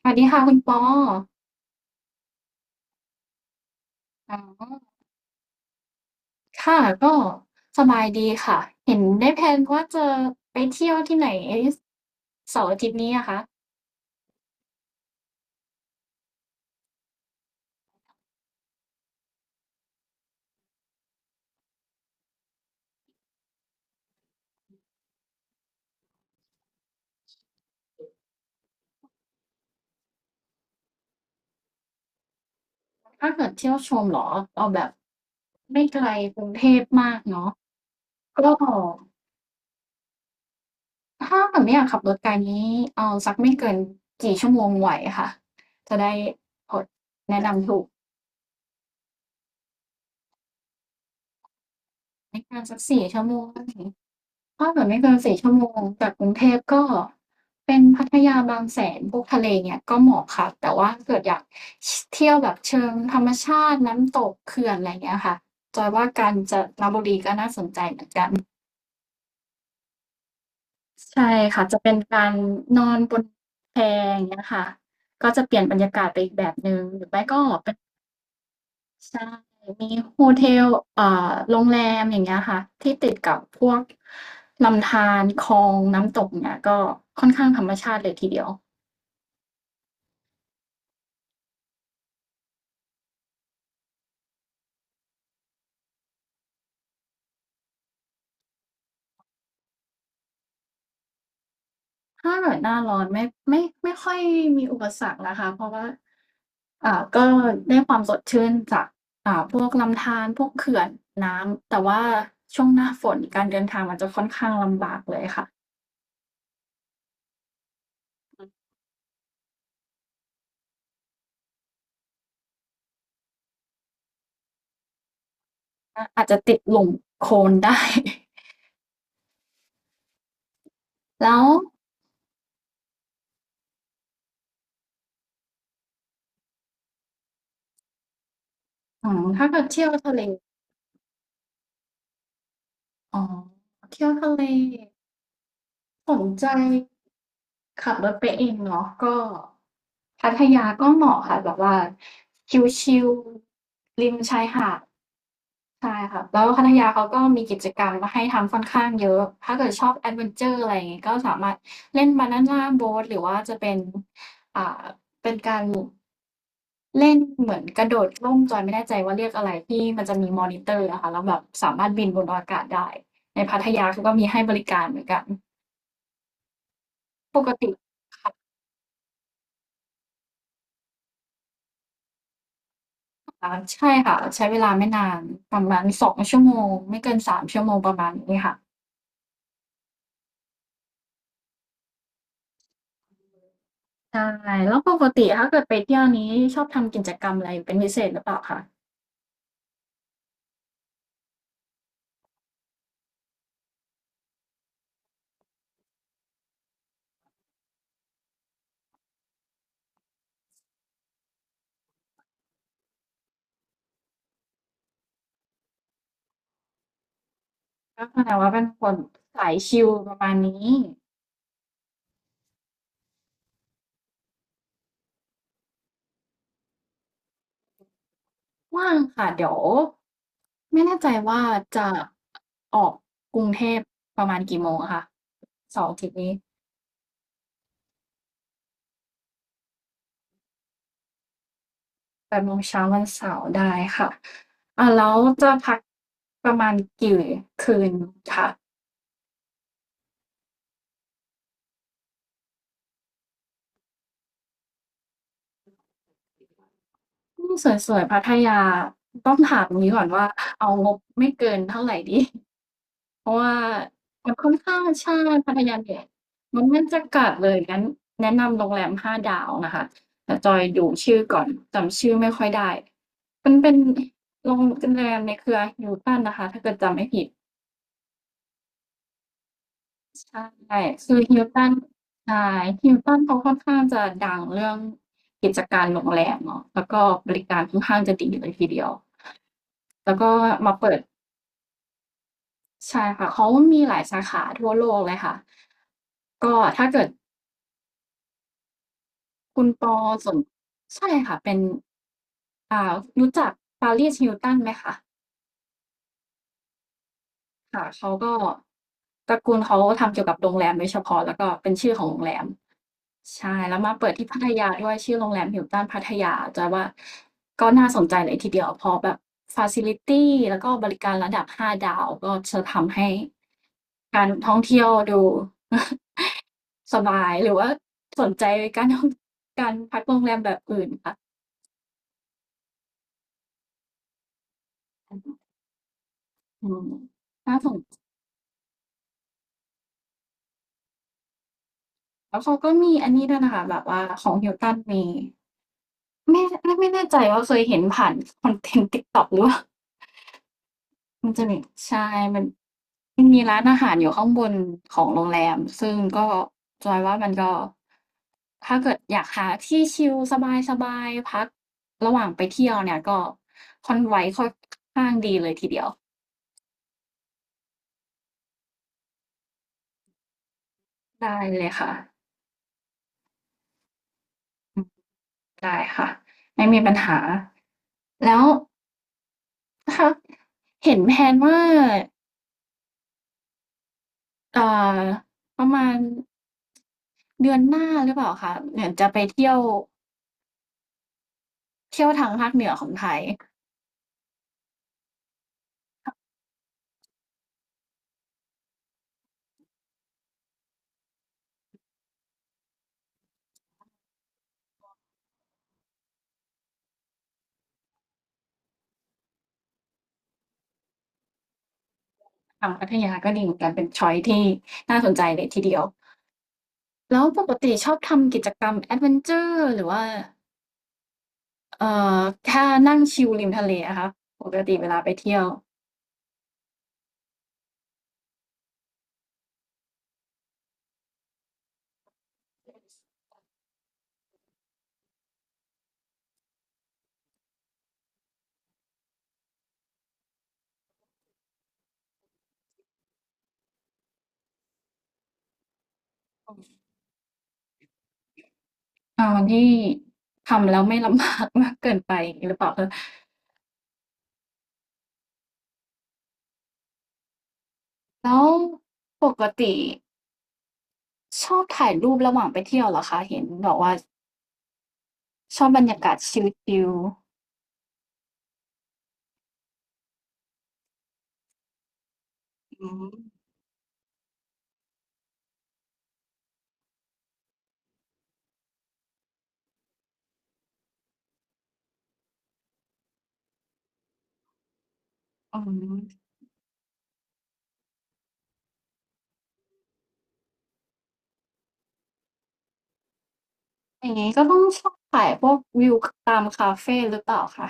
สวัสดีค่ะคุณปออ๋อค่ะก็สบายดีค่ะ เห็นได้แพลนว่าจะไปเที่ยวที่ไหนเสาร์อาทิตย์นี้อะคะถ้าเกิดเที่ยวชมเหรอเอาแบบไม่ไกลกรุงเทพมากเนาะก็ถ้าเกิดไม่อยากขับรถไกลนี้เอาสักไม่เกินกี่ชั่วโมงไหวค่ะ จะได้พอแนะนำถูกไม่เกินสักสี่ชั่วโมง ถ้าเกิดไม่เกิน4 ชั่วโมงจากกรุงเทพก็เป็นพัทยาบางแสนพวกทะเลเนี่ยก็เหมาะค่ะแต่ว่าเกิดอยากชเที่ยวแบบเชิงธรรมชาติน้ำตกเขื่อนอะไรเงี้ยค่ะจอยว่ากาญจนบุรีน่าสนใช่ค่ะจะเป็นการนอนบนแพอย่างเงี้ยค่ะก็จะเปลี่ยนบรรยากาศไปอีกแบบหนึ่งหรือไม่ก็เป็นใช่มีโฮเทลเอ่โรงแรมอย่างเงี้ยค่ะที่ติดกับพวกลำธารคลองน้ำตกเงี้ยก็ค่อนข้างธรรมชาติเลยทีเดียว ถ้าเกิดหน้าร้อนไม่ค่อยมีอุปสรรคนะคะเพราะว่าก็ได้ความสดชื่นจากพวกลำธารพวกเขื่อนน้ำแต่ว่าช่วงหน้าฝนการเดินทางมันจะค่อนข้างลำบากเลยค่ะอาจจะติดหลุ่มโคลนได้ แล้วถ้าเกิดเที่ยวทะเลอ๋อเที่ยวทะเลสนใจขับรถไปเองเนาะก็พัทยาก็เหมาะค่ะแบบว่าชิลๆริมชายหาด ใช่ค่ะแล้วพัทยาเขาก็มีกิจกรรมมาให้ทำค่อนข้างเยอะถ้าเกิดชอบแอดเวนเชอร์อะไรอย่างงี้ก็สามารถเล่น Banana Boat หรือว่าจะเป็นอ่าเล่นเหมือนกระโดดร่มจอยไม่แน่ใจว่าเรียกอะไรที่มันจะมีมอนิเตอร์อะค่ะแล้วแบบสามารถบินบนอากาศได้ในพัทยาเขาก็มีให้บริการเหมือนกันปกติค่ะใช่ค่ะใช้เวลาไม่นานประมาณ2 ชั่วโมงไม่เกิน3 ชั่วโมงประมาณนี้ค่ะใช่แล้วปกติถ้าเกิดไปเที่ยวนี้ชอบทำกิจกรรมอะไรเป็นพิเศษหรือเปล่าคะ ก็แสดงว่าเป็นคนสายชิลประมาณนี้ว่างค่ะเดี๋ยวไม่แน่ใจว่าจะออกกรุงเทพประมาณกี่โมงอะคะเสาร์อาทิตย์นี้8โมงเช้าวันเสาร์ได้ค่ะแล้วจะพักประมาณกี่คืนคะสวยๆพัทยาต้องถามงี้ก่อนว่าเอางบไม่เกินเท่าไรดี เพราะว่ามันค่อนข้างใช่พัทยาเหนมันแน่าจะกัดเลยงั้นแนะนำโรงแรม5 ดาวนะคะแต่จอยดูชื่อก่อนจำชื่อไม่ค่อยได้มันเป็นโรงแรมในเครือ Hilton นะคะถ้าเกิดจำไม่ผิดใช่คือ Hilton ใช่ Hilton เขาค่อนข้างจะดังเรื่องกิจการโรงแรมเนาะแล้วก็บริการค่อนข้างจะดีเลยทีเดียวแล้วก็มาเปิดใช่ค่ะเขามีหลายสาขาทั่วโลกเลยค่ะก็ถ้าเกิด คุณปอสนใช่ค่ะเป็นอ่ารู้จัก Paris Hilton ไหมคะค่ะเขาก็ตระกูลเขาทำเกี่ยวกับโรงแรมโดยเฉพาะแล้วก็เป็นชื่อของโรงแรมใช่แล้วมาเปิดที่พัทยาด้วยชื่อโรงแรม Hilton พัทยาจะว่าก็น่าสนใจเลยทีเดียวเพราะแบบฟาซิลิตี้แล้วก็บริการระดับ5ดาวก็จะทำให้การท่องเที่ยวดู สบายหรือว่าสนใจการท่องการพักโรงแรมแบบอื่นค่ะอืมน่าสน แล้วเขาก็มีอันนี้ด้วยนะคะแบบว่าของ Hilton มีไม่แน่ใจว่าเคยเห็นผ่านคอนเทนต์ TikTok หรือเปล่ามันจะมีใช่มันมันมีร้านอาหารอยู่ข้างบนของโรงแรมซึ่งก็จอยว่ามันก็ถ้าเกิดอยากหาที่ชิลสบายๆพักระหว่างไปเที่ยวเนี่ยก็ Convoy ค่อนข้างดีเลยทีเดียวได้เลยค่ะอืมได้ค่ะไม่มีปัญหาแล้วถ้าเห็นแพลนว่า เอ่อประมาณเดือนหน้าหรือเปล่าคะเหมือนจะไปเที่ยวเที่ยวทางภาคเหนือของไทยทางพัทยาก็ดีเหมือนกันเป็นชอยซ์ที่น่าสนใจเลยทีเดียวแล้วปกติชอบทำกิจกรรมแอดเวนเชอร์หรือว่าเอ่อแค่นั่งชิลริมทะเลอะคะปกติเวลาไปเที่ยวอาวันที่ทำแล้วไม่ลำบากมากเกินไปอย่างงี้หรือเปล่าคะแล้วปกติชอบถ่ายรูประหว่างไปเที่ยวเหรอคะเห็นบอกว่า ชอบบรรยากาศชิลๆอืมๆอืมอย่างงี้ก็ต้องชอบถ่ายพวกวิวคตามคาเฟหรือเปล่าคะ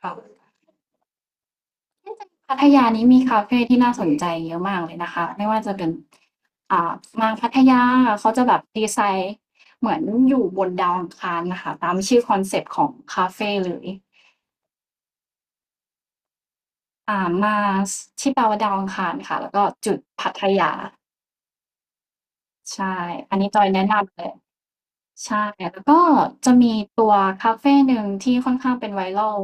ค่ะพัทยานี้มีคาเฟที่น่าสนใจเยอะมากเลยนะคะไม่ว่าจะเป็นอ่ามาพัทยาเขาจะแบบดีไซน์เหมือนอยู่บนดาวอังคารน่ะค่ะตามชื่อคอนเซปต์ของคาเฟเลยMars ที่แปลว่าดาวอังคารค่ะแล้วก็จุดพัทยาใช่ อันนี้จอยแนะนำเลย ใช่แล้วก็จะมีตัวคาเฟหนึ่งที่ค่อนข้างเป็น viral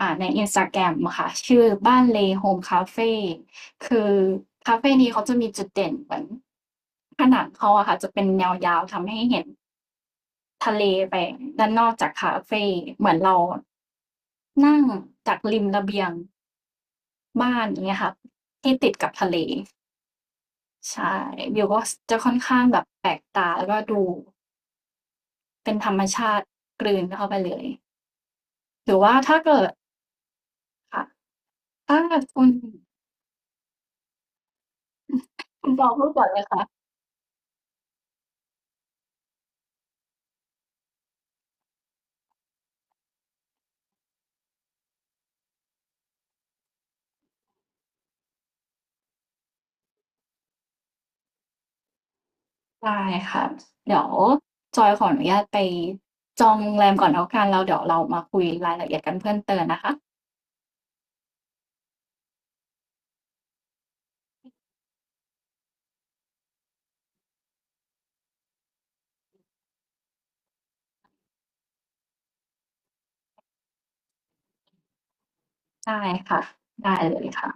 ใน Instagram อะค่ะชื่อบ้านเล Home Cafe คือคาเฟนี้เขาจะมีจุดเด่นเหมือนผนังเขาอะค่ะจะเป็นแนวยาวทำให้เห็นทะเลไปด้านนอกจากคาเฟเหมือนเรานั่งจากริมระเบียงบ้านอย่างเงี้ยค่ะที่ติดกับทะเลใช่วิวก็สจะค่อนข้างแบบแปลกตาแล้วก็ดูเป็นธรรมชาติกลืนเข้าไปเลย หรือว่าถ้าเกิดค่ะถ้าคุณคุณปอพูดก่อนเลยค่ะได้ค่ะเดี๋ยวจอยขออนุญาตไปจองโรงแรมก่อนแล้วกันแล้วเดี๋ยวเรามาคุยรายละเอียดกันเพิ่มเติมนะคะได้ค่ะได้เลยค่ะ